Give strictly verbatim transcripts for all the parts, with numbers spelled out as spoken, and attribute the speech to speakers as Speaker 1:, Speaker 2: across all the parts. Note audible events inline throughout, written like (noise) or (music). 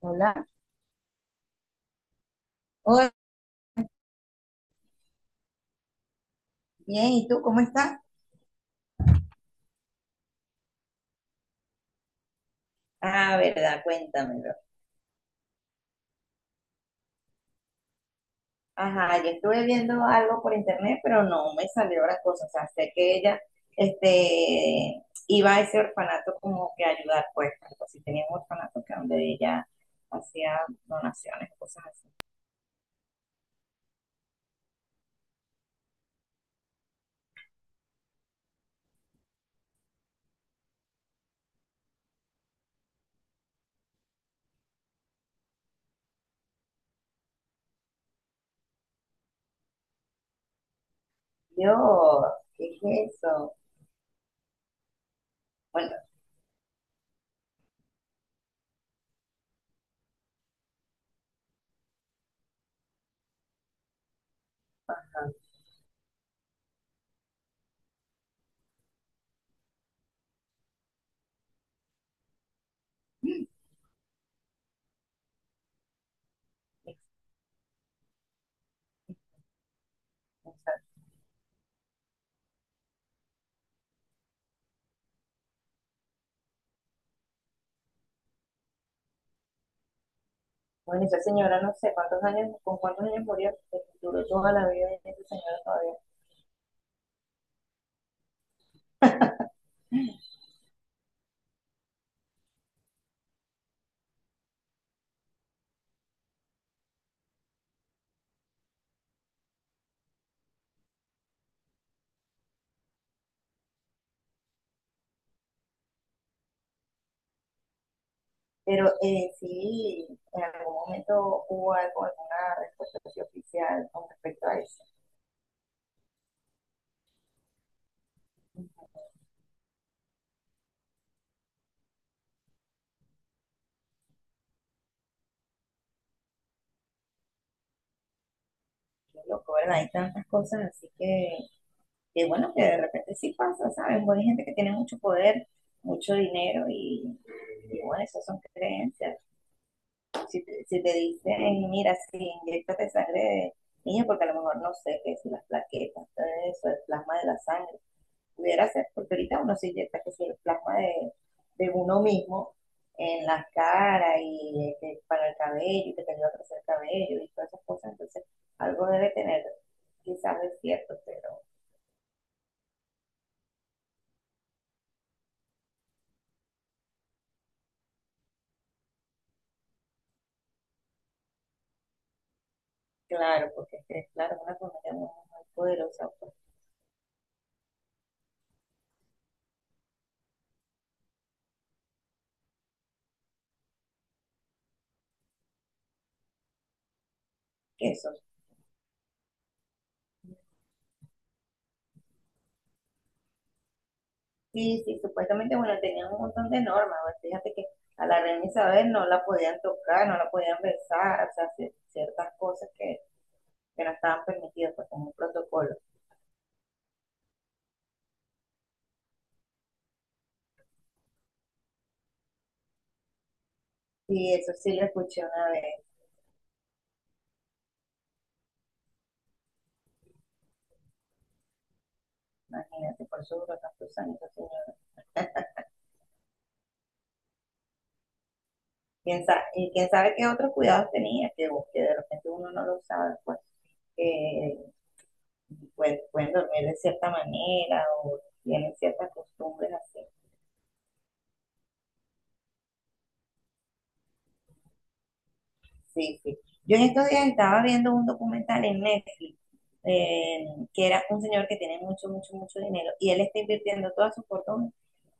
Speaker 1: Hola. Hola, bien, ¿y tú cómo estás? Ah, verdad, cuéntamelo. Ajá, yo estuve viendo algo por internet, pero no me salió la cosa. O sea, sé que ella, este, iba a ese orfanato como que a ayudar, pues, algo así. Tenía un orfanato que donde ella hacía donaciones, cosas así. Yo, ¿qué es eso? Bueno, (clears throat) mm, o sea, bueno, esa señora no sé cuántos años, con cuántos años murió, duró toda la vida esa señora todavía. (laughs) Pero eh, sí, en algún momento hubo algo, alguna respuesta oficial con respecto a eso. Qué loco, ¿verdad? Hay tantas cosas, así que, que bueno, que de repente sí pasa, ¿sabes? Bueno, hay gente que tiene mucho poder, mucho dinero y, y bueno, eso son creencias. Si, si te dicen, mira, si inyectate sangre de niño, porque a lo mejor no sé qué es las plaquetas, todo eso, el plasma de la sangre, pudiera ser, porque ahorita uno se inyecta que si el plasma de, de uno mismo en la cara y eh, que para el cabello y que te ayuda a crecer el cabello y todas esas cosas, entonces algo debe tener, quizás es cierto, pero claro, porque es que, claro, es una familia muy, muy poderosa, pues, que eso. Sí, sí, supuestamente, bueno, tenían un montón de normas, pues, fíjate que a la reina Isabel no la podían tocar, no la podían besar, o sea, cier- ciertas cosas que, que no estaban permitidas, pues como un protocolo. Sí, eso sí lo escuché una vez, imagínate, por eso duró tantos años esa señora. ¿Quién sa- y quién sabe qué otros cuidados tenía, que, que de repente uno no lo sabe, pues, que pues, pueden dormir de cierta manera o tienen ciertas costumbres así. Sí, sí. Yo en estos días estaba viendo un documental en Netflix, eh, que era un señor que tiene mucho, mucho, mucho dinero y él está invirtiendo toda su fortuna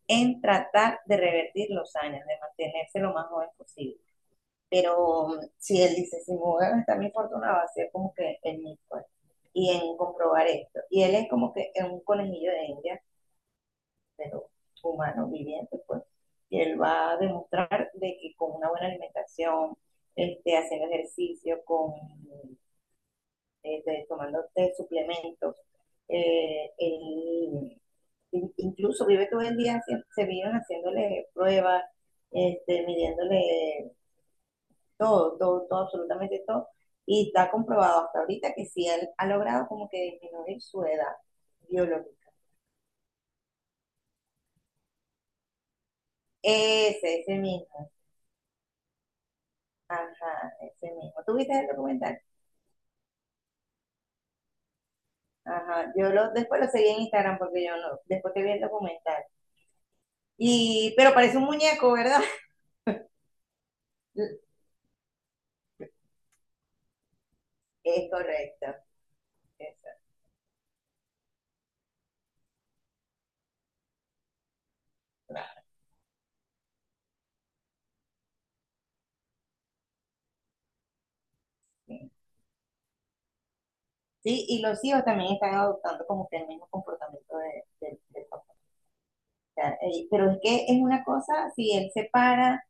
Speaker 1: en tratar de revertir los años, de mantenerse lo más joven posible. Pero mm, si él dice, si me voy a gastar mi fortuna, va a ser como que en mí, pues, y en comprobar esto. Y él es como que es un conejillo de India, pero humano, viviente, pues. Y él va a demostrar de que con una buena alimentación, este, haciendo ejercicio, con, este, tomando suplementos, eh, él, incluso vive todo el día, se, se viven haciéndole pruebas, este, midiéndole todo, todo, todo, absolutamente todo. Y está comprobado hasta ahorita que sí él ha logrado como que disminuir su edad biológica. Ese, ese mismo. Ajá, ese mismo. ¿Tú viste el documental? Ajá. Yo lo, después lo seguí en Instagram porque yo no, después que vi el documental. Y, pero parece un muñeco, ¿verdad? (laughs) Es correcto. Exacto, sí, sí, y los hijos también están adoptando como que el mismo comportamiento de- de, del papá. O sea, eh, pero es que es una cosa, si él se para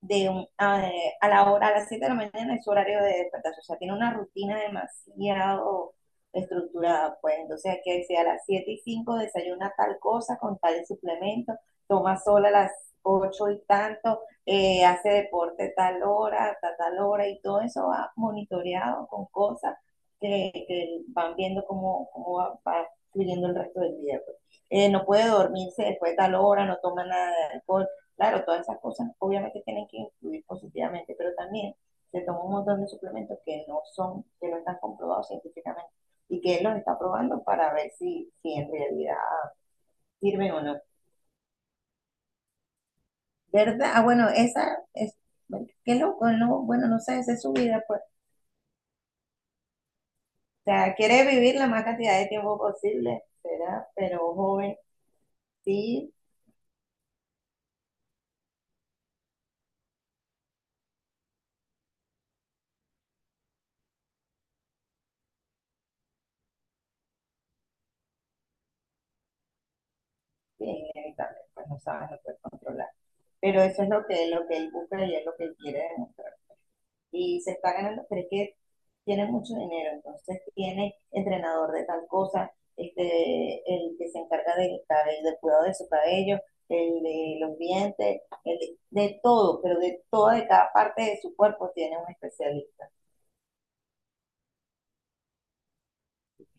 Speaker 1: de un- a, a la hora, a las siete de la mañana es su horario de despertar, o sea, tiene una rutina demasiado estructurada, pues entonces hay que decir a las siete y cinco desayuna tal cosa con tal suplemento, toma sol a las ocho y tanto, eh, hace deporte tal hora, hasta tal hora y todo eso va monitoreado con cosas que, que van viendo cómo, cómo va, va fluyendo el resto del día, pues. Eh, no puede dormirse después de tal hora, no toma nada de alcohol. Claro, todas esas cosas obviamente tienen que influir positivamente, pero también se toma un montón de suplementos que no son, que no están comprobados científicamente y que él los está probando para ver si, si en realidad sirven o no. ¿Verdad? Ah, bueno, esa es, bueno, qué loco, no, bueno, no sé, esa es su vida, pues. O sea, quiere vivir la más cantidad de tiempo posible, ¿verdad? Pero joven, sí, sí inevitable, pues no sabes, no puedes controlar. Pero eso es lo que, lo que él busca y es lo que él quiere demostrar. Y se está ganando, pero es que tiene mucho dinero, entonces tiene entrenador de tal cosa, este, el que se encarga del cabello, del cuidado de su cabello, el de los dientes, el de, de todo, pero de toda, de cada parte de su cuerpo tiene un especialista.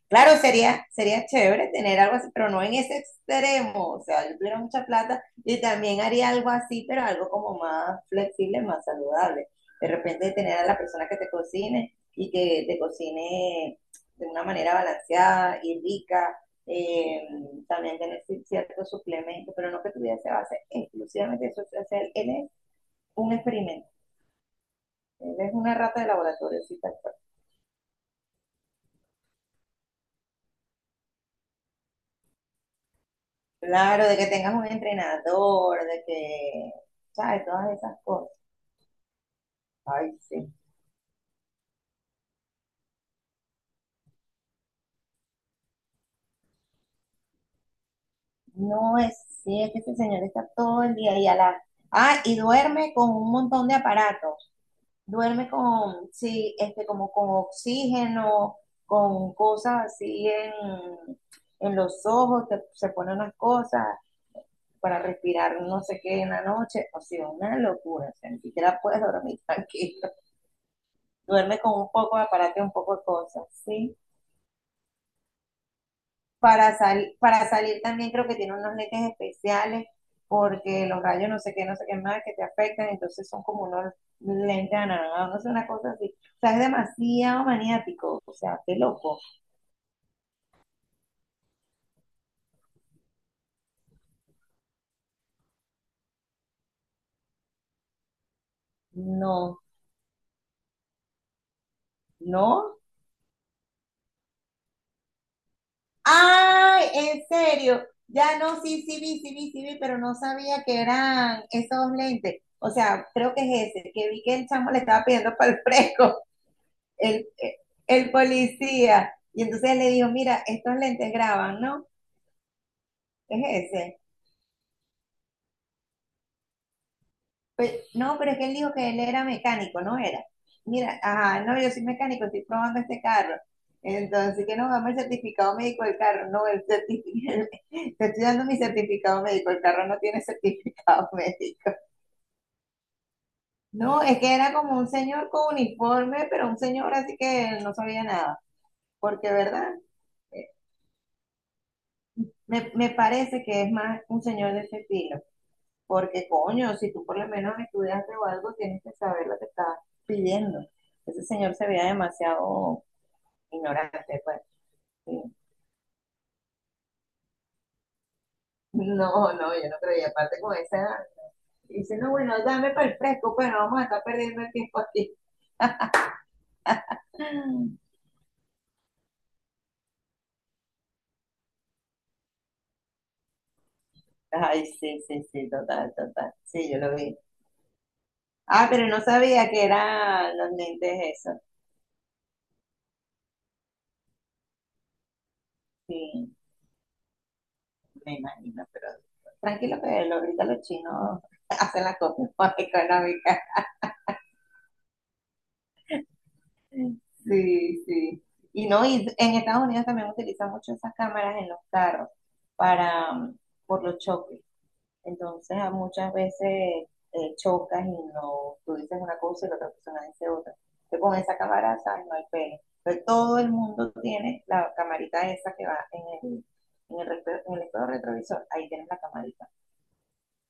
Speaker 1: Claro, sería, sería chévere tener algo así, pero no en ese extremo. O sea, yo tuviera mucha plata y también haría algo así, pero algo como más flexible, más saludable. De repente tener a la persona que te cocine y que te cocine de una manera balanceada y rica. eh, también tener ci- ciertos suplementos, pero no que tu vida se base exclusivamente en eso. O sea, él es un experimento. Él es una rata de laboratorio, sí, tal. Claro, de que tengas un entrenador, de que, ¿sabes? Todas esas cosas. Ay, sí. No es, sí, es que ese señor está todo el día y a la... Ah, y duerme con un montón de aparatos. Duerme con, sí, este, como con oxígeno, con cosas así en, en los ojos, te- se pone unas cosas para respirar no sé qué en la noche. O sea, una locura, o sea, ni siquiera puedes dormir tranquilo. (laughs) Duerme con un poco de aparato y un poco de cosas, sí. Para, sal, para salir también creo que tiene unos lentes especiales porque los rayos no sé qué, no sé qué más que te afectan, entonces son como unos lentes anaranjados, no sé, una cosa así. O sea, es demasiado maniático, o sea, qué loco. No, no. ¡Ay, en serio! Ya no, sí, sí vi, sí vi, sí vi, pero no sabía que eran esos lentes. O sea, creo que es ese, que vi que el chamo le estaba pidiendo (laughs) para el fresco, el, el policía. Y entonces le dijo, mira, estos lentes graban, ¿no? Es ese. Pues, no, pero es que él dijo que él era mecánico, no era. Mira, ajá, no, yo soy mecánico, estoy probando este carro. Entonces, que no, dame el certificado médico del carro. No, el certificado, (laughs) te estoy dando mi certificado médico, el carro no tiene certificado (laughs) médico. No, es que era como un señor con uniforme, pero un señor así que no sabía nada. Porque, ¿verdad? Eh, Me, me parece que es más un señor de ese estilo. Porque, coño, si tú por lo menos estudiaste o algo, tienes que saber lo que estás pidiendo. Ese señor se veía demasiado ignorante, pues. Sí. No, no, yo no creo. Y aparte con esa edad, dice, no, bueno, dame para el fresco, pues no vamos a estar perdiendo el tiempo aquí. (laughs) Ay, sí, sí, sí, total, total. Sí, yo lo vi. Ah, pero no sabía que eran los lentes esos. Sí, me imagino, pero tranquilo que lo- ahorita los chinos (laughs) hacen las cosas más económicas. Sí, sí. Y no, y en Estados Unidos también utilizan mucho esas cámaras en los carros para, mm, por los choques. Entonces, a muchas veces eh, chocas y no, tú dices una cosa y la otra persona dice otra. Entonces, con esa cámara, ¿sabes? No hay pena. Pero todo el mundo tiene la camarita esa que va en el, en el, respe- en el espejo retrovisor. Ahí tienes la camarita.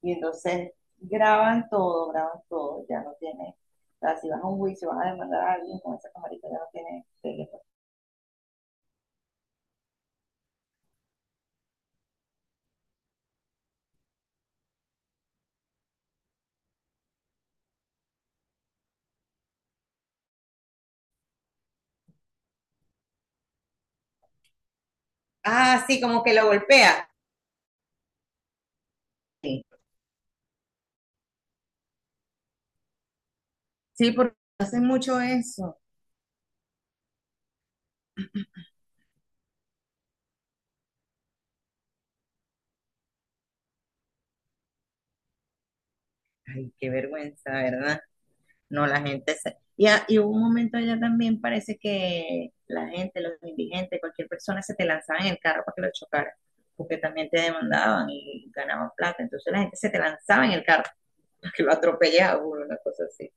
Speaker 1: Y entonces graban todo, graban todo, ya no tiene. O sea, si vas a un juicio, vas a demandar a alguien con esa camarita, ya no tiene teléfono. Ah, sí, como que lo golpea. Sí. Sí, porque hacen mucho eso. Ay, qué vergüenza, ¿verdad? No, la gente se... Y, a- y hubo un momento allá también parece que la gente, los indigentes, cualquier persona se te lanzaba en el carro para que lo chocara, porque también te demandaban y ganaban plata. Entonces la gente se te lanzaba en el carro para que lo atropellara una cosa así.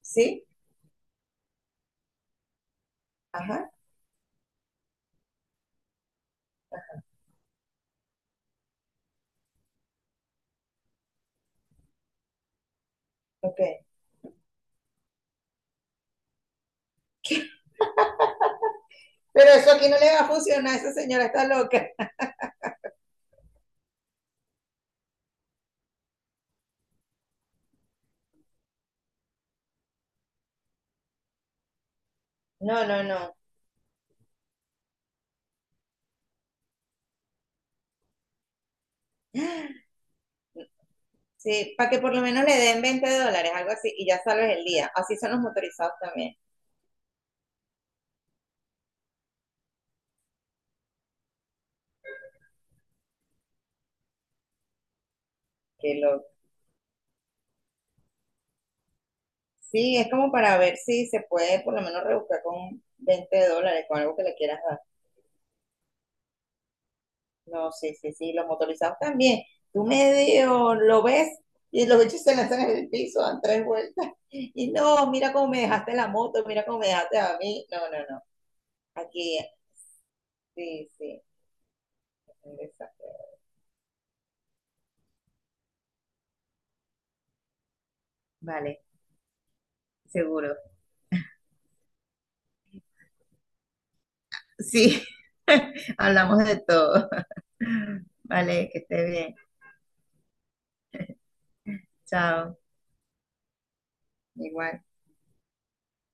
Speaker 1: Sí, ajá. Ok. Pero eso aquí no le va a funcionar, esa señora está loca. No, no, no. Sí, para que por lo menos le den veinte dólares, algo así, y ya salves el día. Así son los motorizados también. Que lo... Sí, es como para ver si se puede por lo menos rebuscar con veinte dólares, con algo que le quieras dar. No, sí, sí, sí, los motorizados también. Tú medio lo ves y los bichos se lanzan en el piso, dan tres vueltas. Y no, mira cómo me dejaste la moto, mira cómo me dejaste a mí. No, no, no. Aquí, sí, sí. Exacto. Vale, seguro. Sí, (laughs) hablamos de todo. Vale, que esté bien. Chao. Igual.